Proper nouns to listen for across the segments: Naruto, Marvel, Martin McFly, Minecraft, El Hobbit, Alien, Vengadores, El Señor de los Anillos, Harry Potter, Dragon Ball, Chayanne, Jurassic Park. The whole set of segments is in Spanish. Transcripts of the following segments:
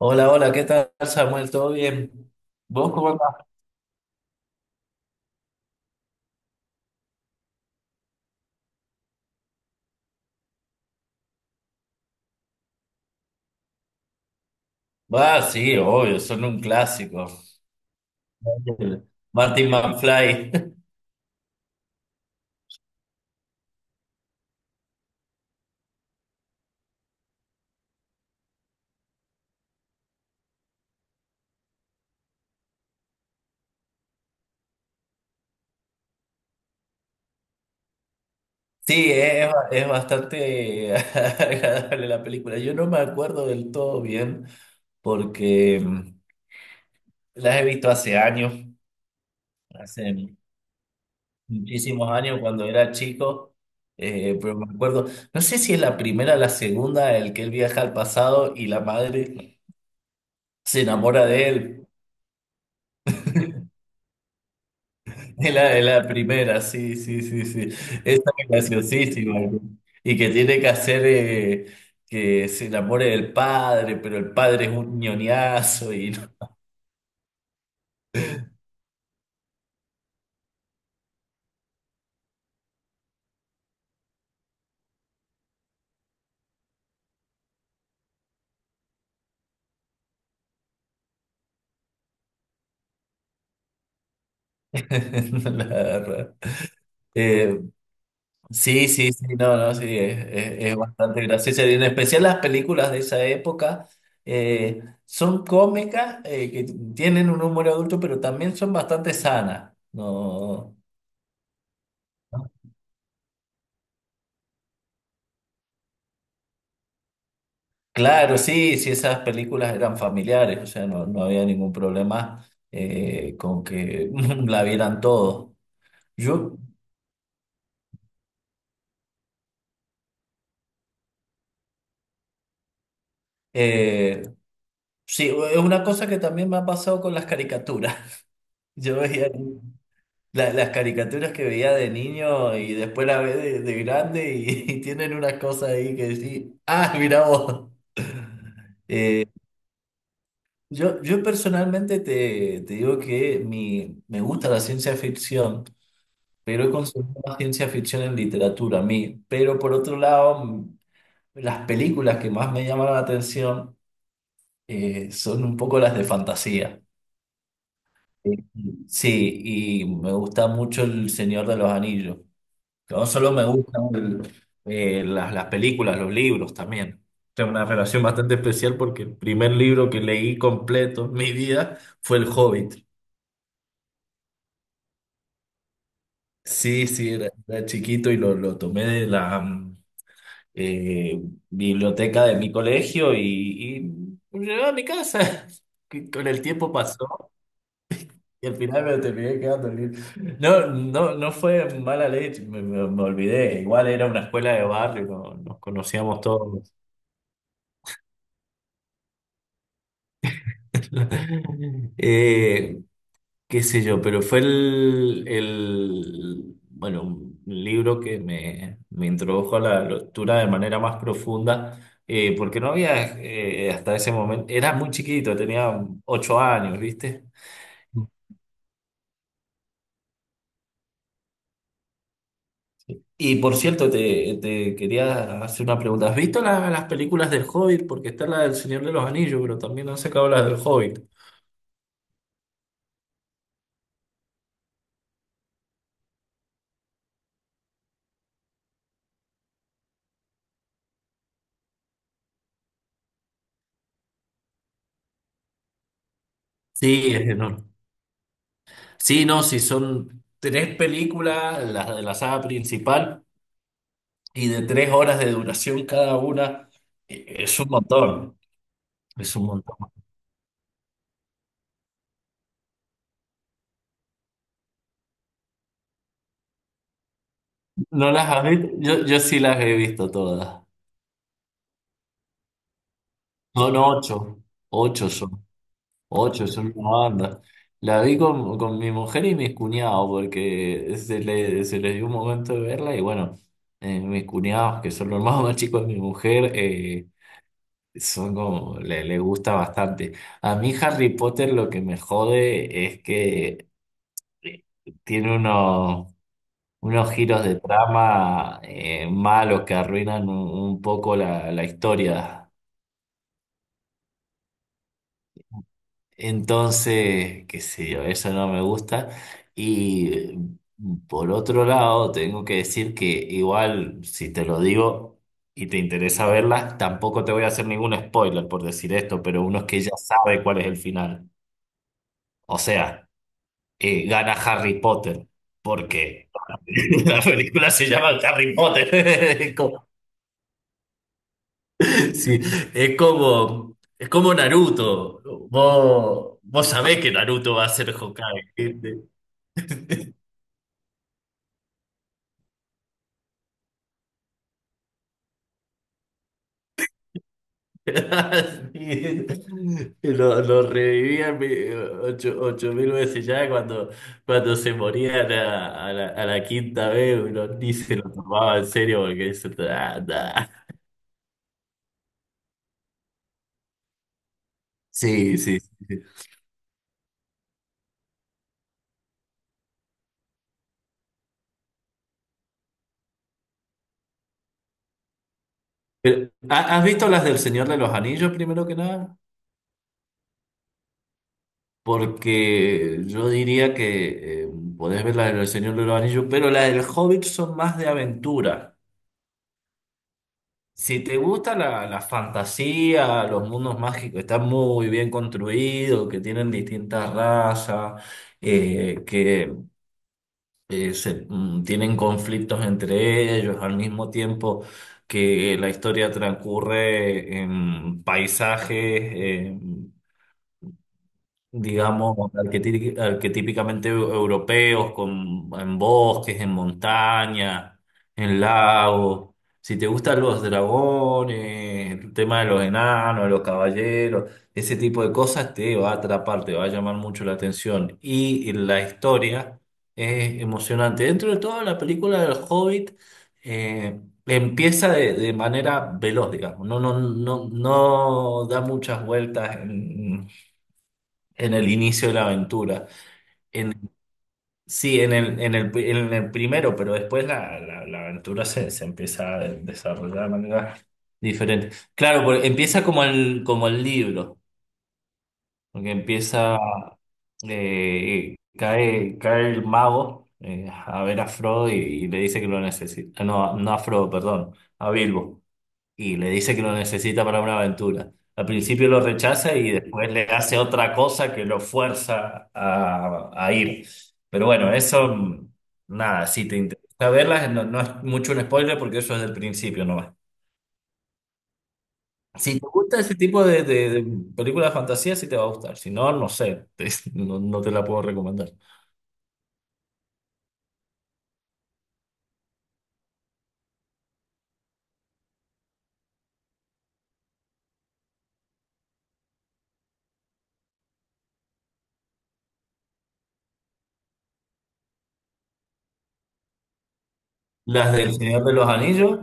Hola, hola, ¿qué tal, Samuel? ¿Todo bien? ¿Vos cómo andás? Ah, sí, obvio, son un clásico. El Martin McFly. Sí, es bastante agradable la película. Yo no me acuerdo del todo bien porque las he visto hace años, hace muchísimos años cuando era chico, pero me acuerdo, no sé si es la primera o la segunda, el que él viaja al pasado y la madre se enamora de él. Es la primera, sí, sí, sí, sí. Esa es graciosísima, ¿no? Y que tiene que hacer que se enamore del padre, pero el padre es un ñoñazo y no, no la agarra. Eh, sí, sí, sí, no, no, sí, es, es bastante graciosa. Y en especial las películas de esa época son cómicas, que tienen un humor adulto, pero también son bastante sanas. No. Claro, sí, sí, esas películas eran familiares, o sea, no, no había ningún problema con que la vieran todos. Yo, eh, sí, es una cosa que también me ha pasado con las caricaturas. Yo veía las caricaturas que veía de niño y después las ve de grande y, y tienen unas cosas ahí que sí, ah, mira vos. Yo personalmente te digo que me gusta la ciencia ficción. Pero he consumido más ciencia ficción en literatura a mí. Pero por otro lado, las películas que más me llamaron la atención son un poco las de fantasía. Eh, Sí, y me gusta mucho El Señor de los Anillos. No solo me gustan las películas, los libros también. Tengo una relación bastante especial porque el primer libro que leí completo en mi vida fue El Hobbit. Sí, sí, era chiquito y lo tomé de la, eh, biblioteca de mi colegio y me llevaba a mi casa. Que con el tiempo pasó y al final me terminé quedando. No, no, no fue mala leche, me olvidé. Igual era una escuela de barrio, nos conocíamos todos. Eh, qué sé yo, pero fue el bueno, un libro que me introdujo a la lectura de manera más profunda, porque no había hasta ese momento, era muy chiquito, tenía 8 años, ¿viste? Y por cierto, te quería hacer una pregunta. ¿Has visto las películas del Hobbit? Porque está la del Señor de los Anillos, pero también han sacado las del Hobbit. Sí, es enorme. Sí, no, sí, son tres películas, las de la saga principal. Y de 3 horas de duración cada una, es un montón, es un montón. ¿No las has visto? Yo sí las he visto todas. Son ocho, ocho son, ocho son una banda. La vi con mi mujer y mis cuñados porque se les dio un momento de verla y bueno, mis cuñados, que son los más chicos de mi mujer, son como, le gusta bastante. A mí Harry Potter lo que me jode es que eh, tiene unos giros de trama malos que arruinan un poco la historia. Entonces, qué sé yo, eso no me gusta. Y por otro lado, tengo que decir que igual, si te lo digo y te interesa verlas, tampoco te voy a hacer ningún spoiler por decir esto, pero uno es que ya sabe cuál es el final. O sea, gana Harry Potter, porque la película se llama Harry Potter. Sí, es como Naruto. Vos sabés que Naruto va a ser Hokage, ¿viste? Sí. Lo revivían ocho mil veces ya cuando, cuando se morían a la quinta vez, uno ni se lo tomaba en serio porque eso. Ah, nah. Sí, sí, sí. Pero, ¿has visto las del Señor de los Anillos primero que nada? Porque yo diría que podés ver la del Señor de los Anillos, pero la del Hobbit son más de aventura. Si te gusta la fantasía, los mundos mágicos, están muy bien construidos, que tienen distintas razas, que tienen conflictos entre ellos, al mismo tiempo que la historia transcurre en paisajes, digamos, arquetípicamente europeos, en bosques, en montaña, en lagos. Si te gustan los dragones, el tema de los enanos, de los caballeros, ese tipo de cosas te va a atrapar, te va a llamar mucho la atención. Y la historia es emocionante. Dentro de todo, la película del Hobbit eh, empieza de manera veloz, digamos. No, no, no, no da muchas vueltas en el inicio de la aventura. En, sí, en el primero, pero después la aventura se empieza a desarrollar de manera diferente. Claro, porque empieza como el libro, porque empieza, cae el mago a ver a Frodo y le dice que lo necesita. No, no a Frodo, perdón, a Bilbo y le dice que lo necesita para una aventura. Al principio lo rechaza y después le hace otra cosa que lo fuerza a ir. Pero bueno, eso, nada, si te interesa verlas, no, no es mucho un spoiler porque eso es del principio nomás. Si te gusta ese tipo de películas de fantasía, sí te va a gustar. Si no, no sé, no, no te la puedo recomendar. Las del Señor de los Anillos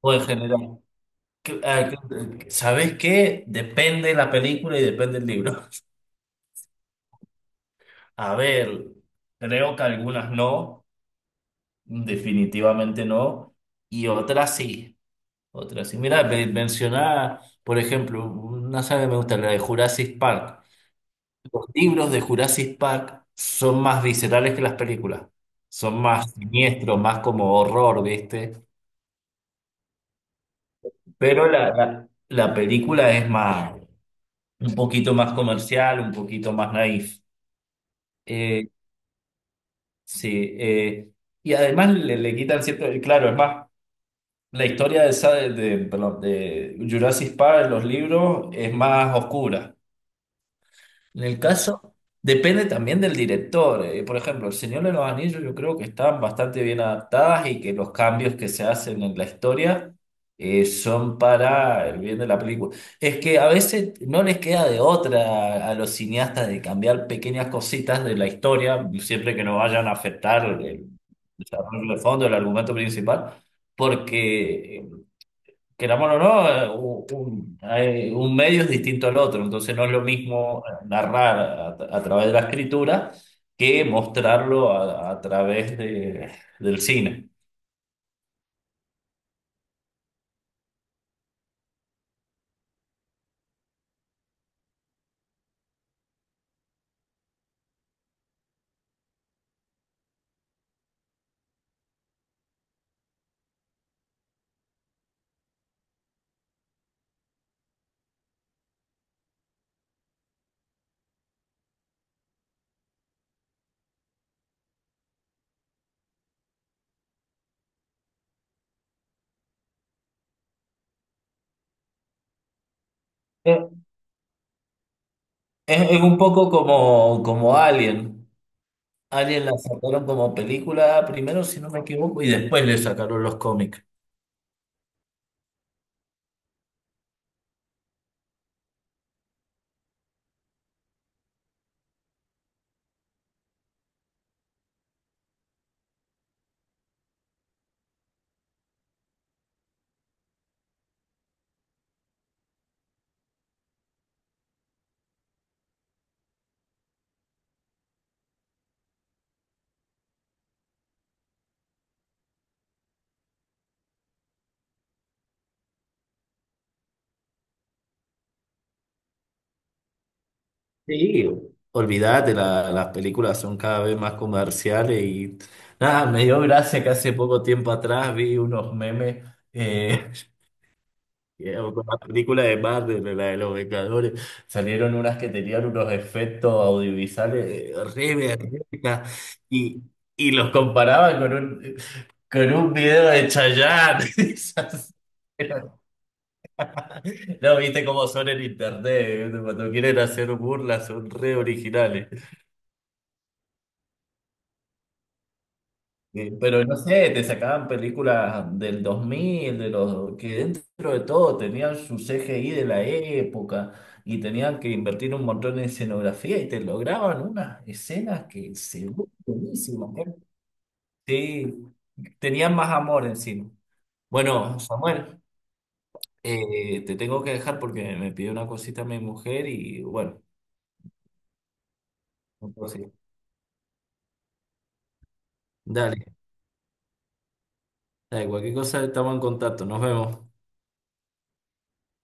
o en general. ¿Sabes qué? Depende la película y depende el libro. A ver, creo que algunas no, definitivamente no, y otras sí, otras sí. Mira, mencionaba, por ejemplo, una saga que me gusta, la de Jurassic Park. Los libros de Jurassic Park son más viscerales que las películas, son más siniestros, más como horror, ¿viste? Pero la película es más, un poquito más comercial, un poquito más naif. Eh, sí, y además le quitan cierto, claro, es más la historia de, perdón, de Jurassic Park en los libros es más oscura. En el caso, depende también del director. Por ejemplo, El Señor de los Anillos yo creo que están bastante bien adaptadas y que los cambios que se hacen en la historia son para el bien de la película. Es que a veces no les queda de otra a los cineastas de cambiar pequeñas cositas de la historia, siempre que no vayan a afectar el desarrollo de fondo, el argumento principal porque queramos o no, un medio es distinto al otro, entonces no es lo mismo narrar a través de la escritura que mostrarlo a través del cine. Eh, es un poco como Alien. Alien la sacaron como película primero, si no me equivoco, y después le sacaron los cómics. Sí, olvídate, las películas son cada vez más comerciales y nada, me dio gracia que hace poco tiempo atrás vi unos memes. eh, con la película de Marvel, la de los Vengadores, salieron unas que tenían unos efectos audiovisuales re berreta, y, y los comparaban con con un video de Chayanne. Eran- No, viste cómo son en internet, cuando quieren hacer burlas son re originales. Pero no sé, te sacaban películas del 2000 de los que dentro de todo tenían su CGI de la época y tenían que invertir un montón en escenografía y te lograban unas escenas que se ven buenísimas, ¿eh? Sí, tenían más amor encima. Bueno, Samuel, te tengo que dejar porque me pidió una cosita mi mujer y bueno, entonces, dale, dale, cualquier cosa estamos en contacto, nos vemos.